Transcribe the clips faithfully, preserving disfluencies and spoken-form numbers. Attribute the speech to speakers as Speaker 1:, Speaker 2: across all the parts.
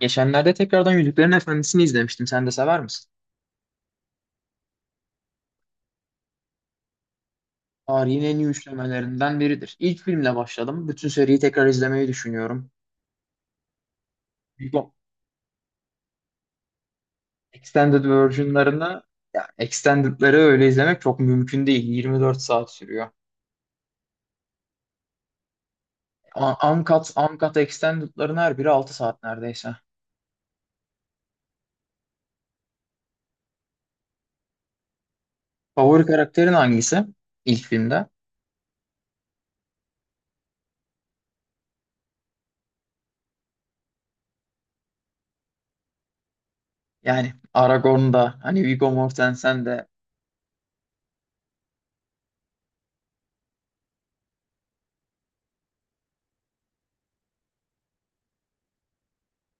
Speaker 1: Geçenlerde tekrardan Yüzüklerin Efendisi'ni izlemiştim. Sen de sever misin? Tarihin en iyi üçlemelerinden biridir. İlk filmle başladım. Bütün seriyi tekrar izlemeyi düşünüyorum. Bu Extended version'larını, ya extended'ları öyle izlemek çok mümkün değil. yirmi dört saat sürüyor. A- Uncut, uncut extended'ların her biri altı saat neredeyse. Favori karakterin hangisi ilk filmde? Yani Aragorn'da, hani Viggo Mortensen de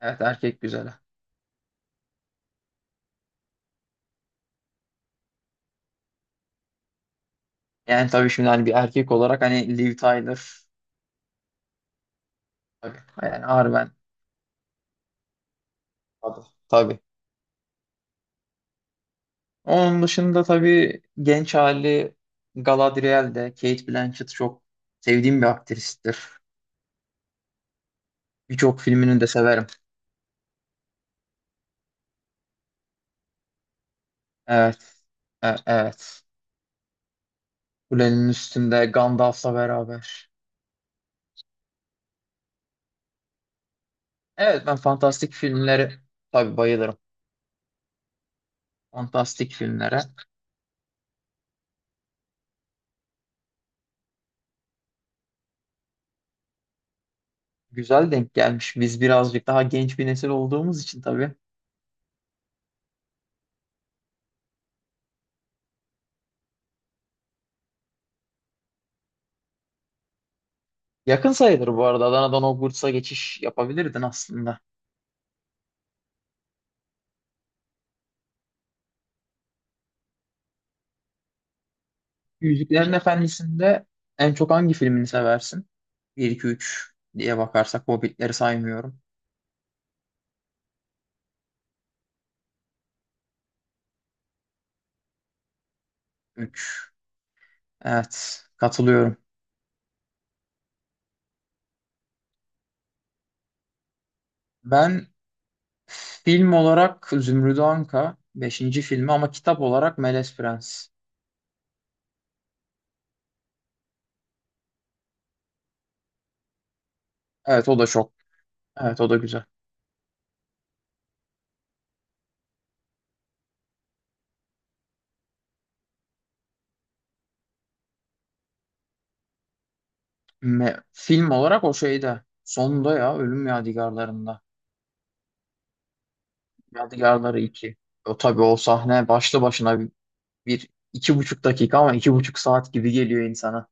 Speaker 1: evet erkek güzeli. Yani tabii şimdi hani bir erkek olarak hani Liv Tyler. Tabii. Yani Arwen. Tabii. Tabii. Onun dışında tabii genç hali Galadriel'de Kate Blanchett çok sevdiğim bir aktristir. Birçok filmini de severim. Evet. E- evet. Kulenin üstünde Gandalf'la beraber. Evet, ben fantastik filmlere tabii bayılırım. Fantastik filmlere. Güzel denk gelmiş. Biz birazcık daha genç bir nesil olduğumuz için tabii. Yakın sayılır bu arada. Adana'dan Hogwarts'a geçiş yapabilirdin aslında. Yüzüklerin Efendisi'nde en çok hangi filmini seversin? bir, iki, üç diye bakarsak Hobbit'leri saymıyorum. üç. Evet, katılıyorum. Ben film olarak Zümrüdü Anka beşinci filmi ama kitap olarak Melez Prens. Evet, o da çok. Evet, o da güzel. Me- film olarak o şeyde. Sonunda ya Ölüm Yadigarlarında. Yadigarları iki. O tabii, o sahne başlı başına bir, bir iki buçuk dakika ama iki buçuk saat gibi geliyor insana.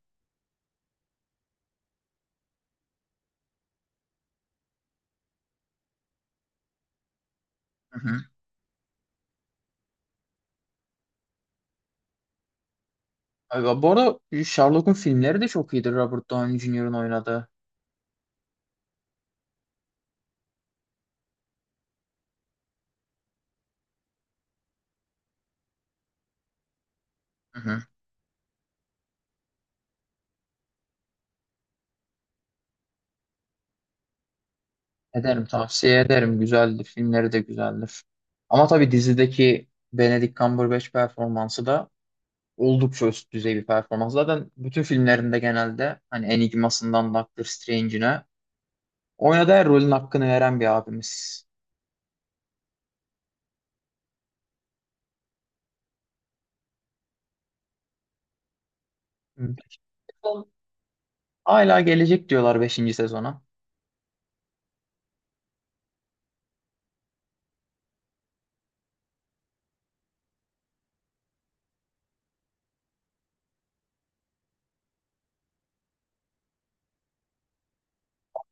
Speaker 1: Aga, bu arada Sherlock'un filmleri de çok iyidir, Robert Downey Junior'ın oynadığı. Hı hı. Ederim, tavsiye ederim. Güzeldir. Filmleri de güzeldir. Ama tabii dizideki Benedict Cumberbatch performansı da oldukça üst düzey bir performans. Zaten bütün filmlerinde genelde hani Enigmas'ından Doctor Strange'ine oynadığı her rolün hakkını veren bir abimiz. Hı. Hala gelecek diyorlar beşinci sezona.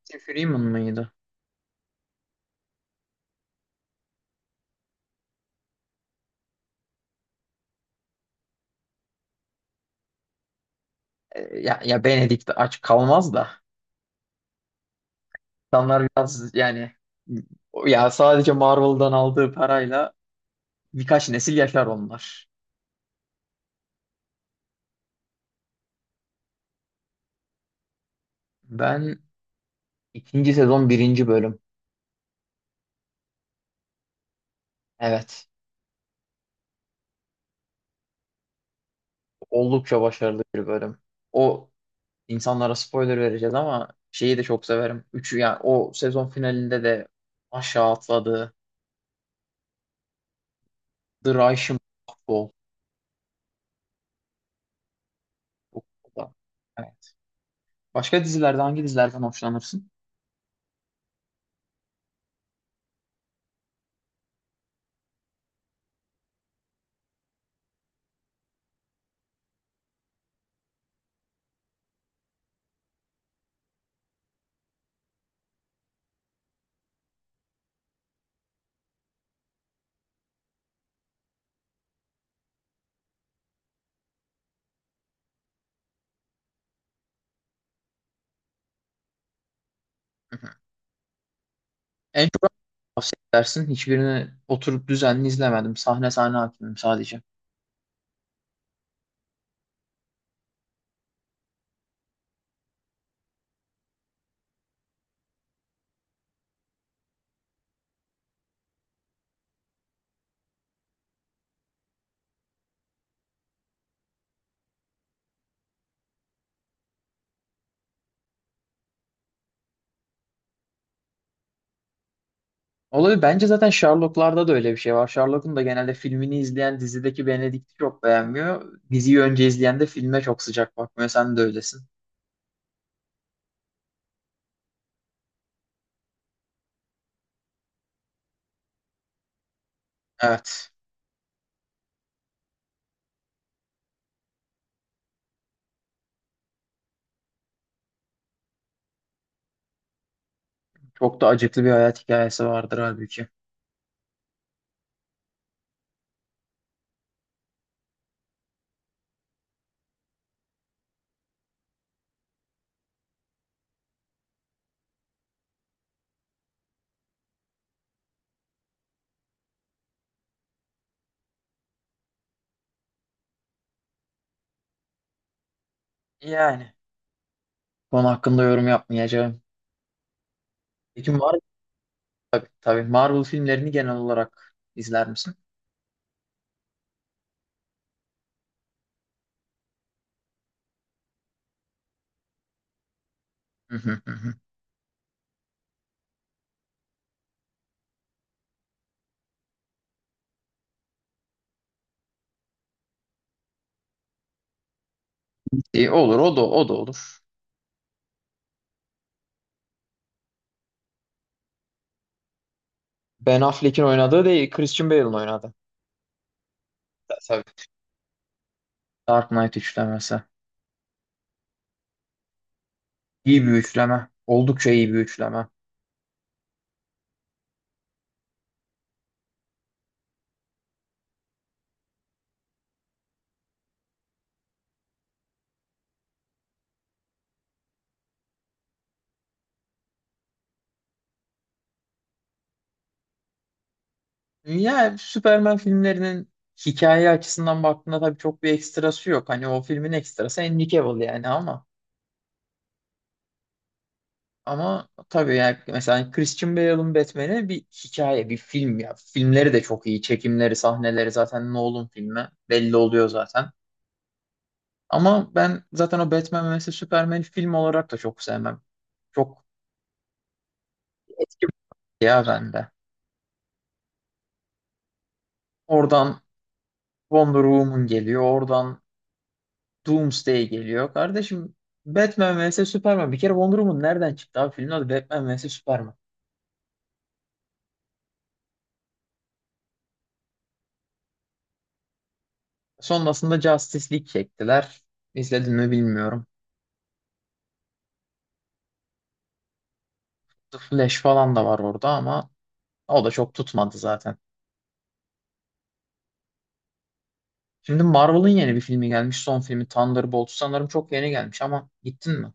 Speaker 1: Tim Freeman mıydı? E, Ya, ya Benedict aç kalmaz da. İnsanlar biraz yani ya sadece Marvel'dan aldığı parayla birkaç nesil yaşar onlar. Ben ikinci sezon birinci bölüm. Evet. Oldukça başarılı bir bölüm. O, insanlara spoiler vereceğiz ama şeyi de çok severim. Üçü yani o sezon finalinde de aşağı atladı. The Russian Doll. O- o da- Evet. Başka dizilerde hangi dizilerden hoşlanırsın? Hı hı. En çok hangisini tavsiye edersin? Hiçbirini oturup düzenli izlemedim. Sahne sahne hakimim sadece. Olabilir. Bence zaten Sherlock'larda da öyle bir şey var. Sherlock'un da genelde filmini izleyen dizideki Benedict'i çok beğenmiyor. Diziyi önce izleyen de filme çok sıcak bakmıyor. Sen de öylesin. Evet. Çok da acıklı bir hayat hikayesi vardır halbuki. Yani. Konu hakkında yorum yapmayacağım. Peki Marvel, tabii Marvel filmlerini genel olarak izler misin? Hı hı hı hı. İyi, olur, o da o da olur. Ben Affleck'in oynadığı değil, Christian Bale'ın oynadığı. Tabii. Dark Knight üçlemesi. İyi bir üçleme. Oldukça iyi bir üçleme. Ya, Superman filmlerinin hikaye açısından baktığında tabii çok bir ekstrası yok. Hani o filmin ekstrası Henry Cavill yani, ama ama tabii yani mesela Christian Bale'ın Batman'i bir hikaye, bir film ya. Filmleri de çok iyi. Çekimleri, sahneleri zaten Nolan filmi belli oluyor zaten. Ama ben zaten o Batman ve mesela Superman film olarak da çok sevmem. Çok etki ya bende. Oradan Wonder Woman geliyor. Oradan Doomsday geliyor. Kardeşim, Batman vs Superman. Bir kere Wonder Woman nereden çıktı abi? Filmin adı Batman vs Superman. Sonrasında Justice League çektiler. İzledin mi bilmiyorum. The Flash falan da var orada ama o da çok tutmadı zaten. Şimdi Marvel'ın yeni bir filmi gelmiş. Son filmi Thunderbolts sanırım, çok yeni gelmiş ama gittin mi?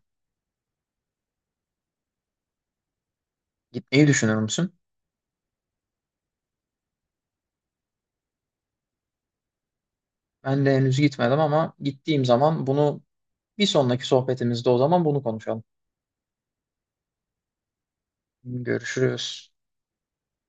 Speaker 1: Gitmeyi düşünür müsün? Ben de henüz gitmedim ama gittiğim zaman bunu bir sonraki sohbetimizde o zaman bunu konuşalım. Görüşürüz.